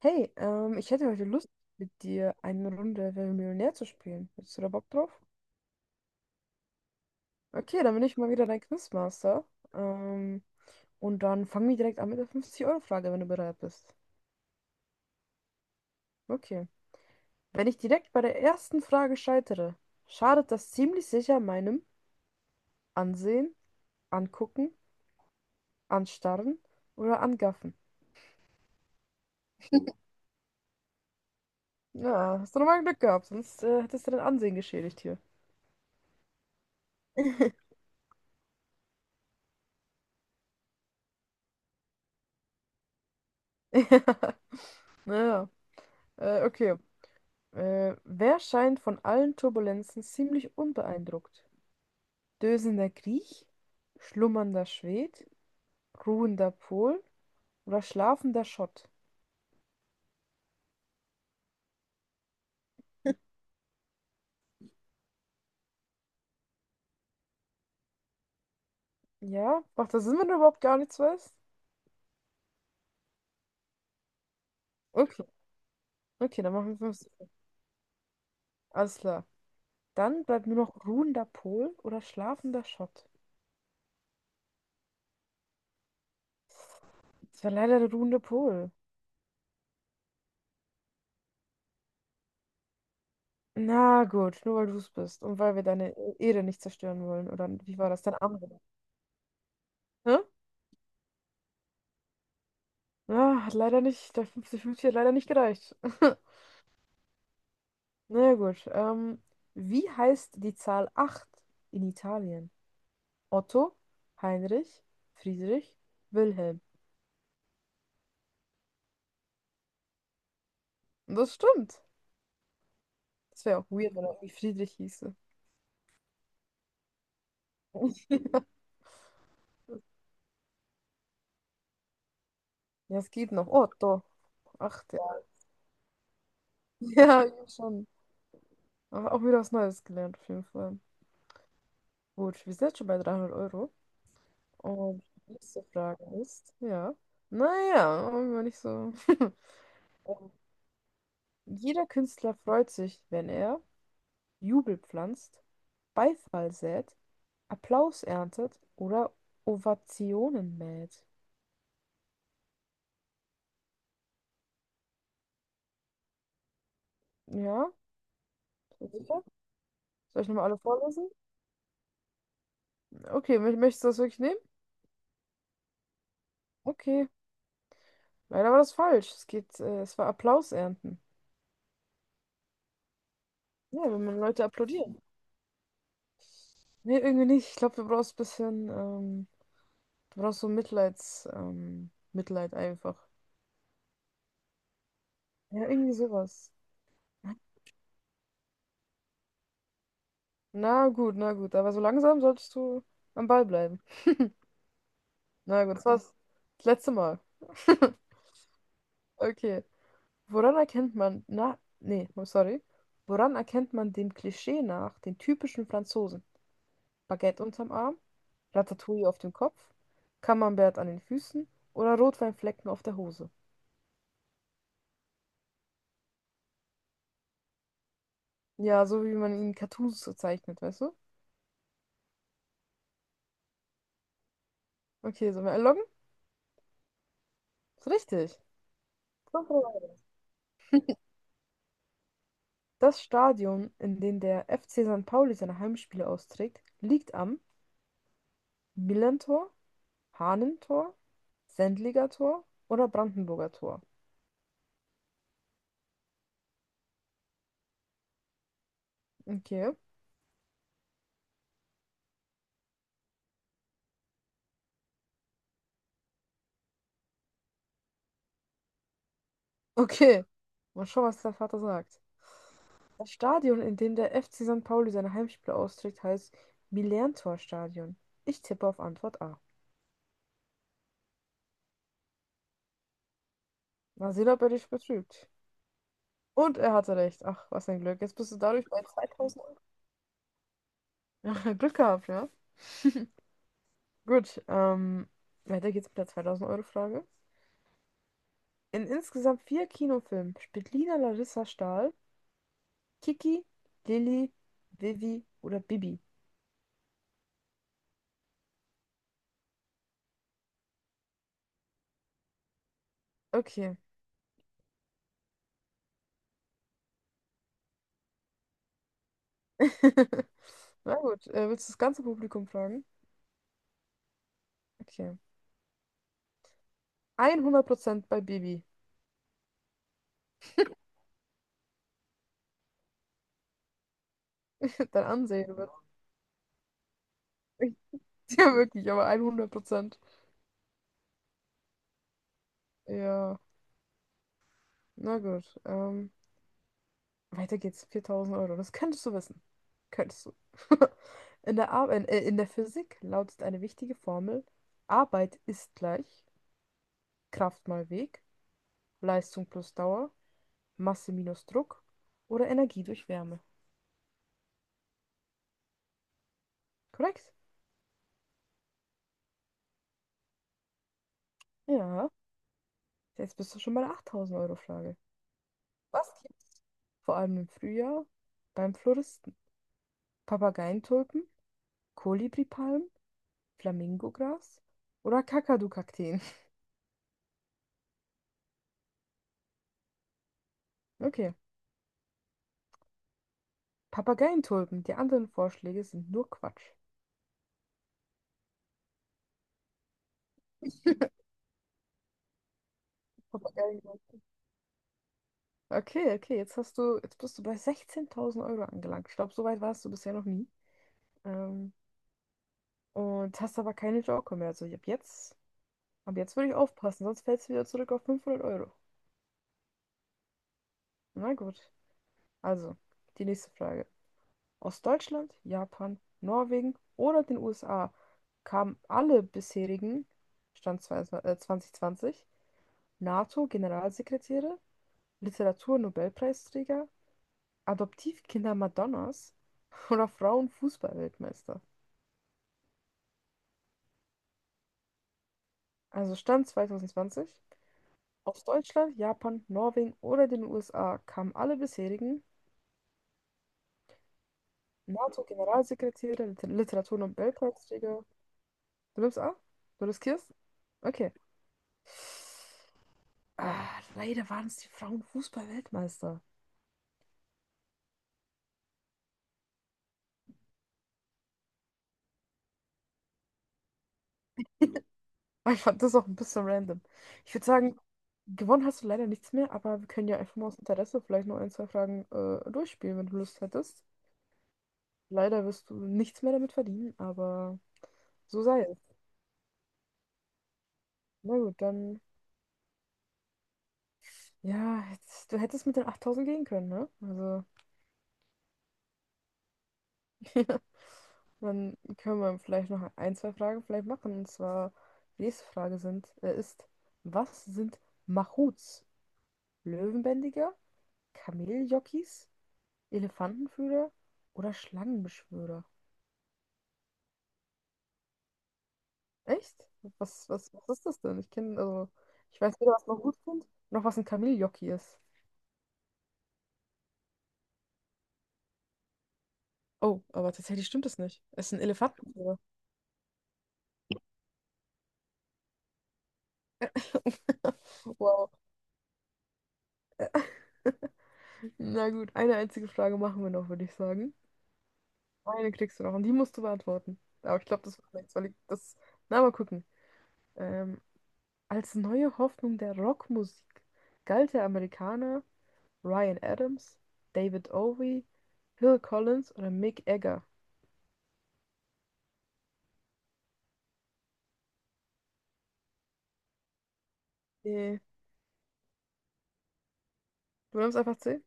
Hey, ich hätte heute Lust, mit dir eine Runde Wer wird Millionär zu spielen. Hättest du da Bock drauf? Okay, dann bin ich mal wieder dein Quizmaster. Ähm, und dann fangen wir direkt an mit der 50-Euro-Frage, wenn du bereit bist. Okay. Wenn ich direkt bei der ersten Frage scheitere, schadet das ziemlich sicher meinem Ansehen, Angucken, Anstarren oder Angaffen. Ja, hast du nochmal Glück gehabt, sonst hättest du dein Ansehen geschädigt hier. Ja, naja. Okay. Wer scheint von allen Turbulenzen ziemlich unbeeindruckt? Dösender Griech, schlummernder Schwed, ruhender Pol oder schlafender Schott? Ja, macht das Sinn, wenn du überhaupt gar nichts weißt? Okay, okay, dann machen wir 50. Alles klar. Dann bleibt nur noch ruhender Pol oder schlafender Schott. Das war leider der ruhende Pol. Na gut, nur weil du es bist und weil wir deine Ehre nicht zerstören wollen. Oder wie war das? Dein Arm. Hä? Ja, hat leider nicht, der 50-50 hat leider nicht gereicht. Na ja gut. Wie heißt die Zahl 8 in Italien? Otto, Heinrich, Friedrich, Wilhelm. Und das stimmt. Das wäre auch weird, wenn er irgendwie Friedrich hieße. Ja, es geht noch. Otto. Acht, ja. Ja, eben schon. Aber auch wieder was Neues gelernt, auf jeden Fall. Gut, wir sind jetzt schon bei 300 Euro. Und die nächste Frage ist, ja. Naja, war nicht so. Ähm, Jeder Künstler freut sich, wenn er Jubel pflanzt, Beifall sät, Applaus erntet oder Ovationen mäht. Ja, sicher? Soll ich nochmal alle vorlesen? Okay, möchtest du das wirklich nehmen? Okay, leider war das falsch. Es war Applaus ernten. Ja, wenn man Leute applaudieren. Nee, irgendwie nicht. Ich glaube, du brauchst ein bisschen, du brauchst so Mitleid einfach. Ja, irgendwie sowas. Na gut, na gut. Aber so langsam solltest du am Ball bleiben. Na gut, das war's. Das letzte Mal. Okay. Woran erkennt man, na, nee, sorry. Woran erkennt man dem Klischee nach den typischen Franzosen? Baguette unterm Arm, Ratatouille auf dem Kopf, Camembert an den Füßen oder Rotweinflecken auf der Hose? Ja, so wie man ihn in Cartoons so zeichnet, weißt du? Okay, sollen wir einloggen? Ist richtig. Das Stadion, in dem der FC St. Pauli seine Heimspiele austrägt, liegt am Millantor, Hahnentor, Sendlinger Tor oder Brandenburger Tor. Okay. Okay, mal schauen, was der Vater sagt. Das Stadion, in dem der FC St. Pauli seine Heimspiele austrägt, heißt Millantor-Stadion. Ich tippe auf Antwort A. Mal sehen, ob er dich betrügt. Und er hatte recht. Ach, was ein Glück. Jetzt bist du dadurch bei zweitausend Euro. Ja, Glück gehabt, ja? Gut, weiter geht's mit der 2.000-Euro-Frage. In insgesamt vier Kinofilmen spielt Lina Larissa Stahl, Kiki, Lilly, Vivi oder Bibi. Okay. Na gut, willst du das ganze Publikum fragen? Okay. 100% bei Bibi. Dein Ansehen wird. Ja, wirklich, aber 100%. Ja, na gut. Weiter geht's. 4000 Euro. Das könntest du wissen. Könntest du. In der Physik lautet eine wichtige Formel: Arbeit ist gleich Kraft mal Weg, Leistung plus Dauer, Masse minus Druck oder Energie durch Wärme. Korrekt? Ja. Jetzt bist du schon bei der 8.000 € Frage. Was gibt's vor allem im Frühjahr beim Floristen? Papageientulpen, Kolibripalmen, Flamingogras oder Kakadu-Kakteen. Okay. Papageientulpen. Die anderen Vorschläge sind nur Quatsch. Papageien. Okay, okay. Jetzt hast du, jetzt bist du bei 16.000 € angelangt. Ich glaube, so weit warst du bisher noch nie. Ähm, und hast aber keine Joker mehr. Also ab jetzt würde ich aufpassen, sonst fällst du wieder zurück auf 500 Euro. Na gut. Also, die nächste Frage. Aus Deutschland, Japan, Norwegen oder den USA kamen alle bisherigen, Stand 22 NATO-Generalsekretäre, Literaturnobelpreisträger, Adoptivkinder Madonnas oder Frauenfußball-Weltmeister. Also Stand 2020, aus Deutschland, Japan, Norwegen oder den USA kamen alle bisherigen NATO-Generalsekretäre, Literaturnobelpreisträger. Du nimmst an? Du riskierst? Okay. Ah, leider waren es die Frauenfußball-Weltmeister. Aber ich fand das auch ein bisschen random. Ich würde sagen, gewonnen hast du leider nichts mehr, aber wir können ja einfach mal aus Interesse vielleicht noch ein, zwei Fragen durchspielen, wenn du Lust hättest. Leider wirst du nichts mehr damit verdienen, aber so sei es. Na gut, dann. Ja, jetzt, du hättest mit den 8.000 gehen können, ne? Also, dann können wir vielleicht noch ein, zwei Fragen vielleicht machen. Und zwar, die nächste Frage ist, was sind Mahouts? Löwenbändiger? Kameljockeys, Elefantenführer oder Schlangenbeschwörer? Echt? Was ist das denn? Ich kenne, also, ich weiß weder, was man gut findet, noch was ein Kameljockey ist. Oh, aber tatsächlich stimmt es nicht. Es ist ein Elefantenführer. Wow. Na gut, eine einzige Frage machen wir noch, würde ich sagen. Eine kriegst du noch und die musst du beantworten. Aber ich glaube, das wird nichts, weil ich das. Na, mal gucken. Ähm, als neue Hoffnung der Rockmusik galt der Amerikaner Ryan Adams, David Owie, Phil Collins oder Mick Jagger? Nee, du nimmst einfach C?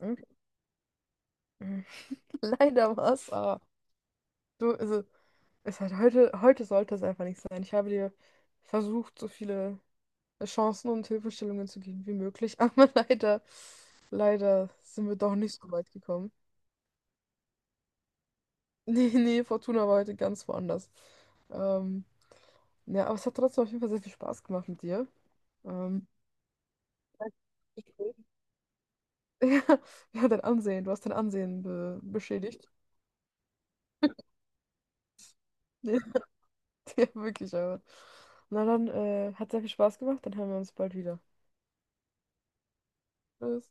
Hm? Hm. Leider was. Es du, also, es hat heute sollte es einfach nicht sein. Ich habe dir versucht, so viele Chancen und Hilfestellungen zu geben wie möglich, aber leider, leider sind wir doch nicht so weit gekommen. Nee, nee, Fortuna war heute ganz woanders. Ähm, ja, aber es hat trotzdem auf jeden Fall sehr viel Spaß gemacht mit dir. Ähm, Ja, dein Ansehen, du hast dein Ansehen be beschädigt. Ja, wirklich, aber. Na dann, hat sehr viel Spaß gemacht, dann hören wir uns bald wieder. Tschüss.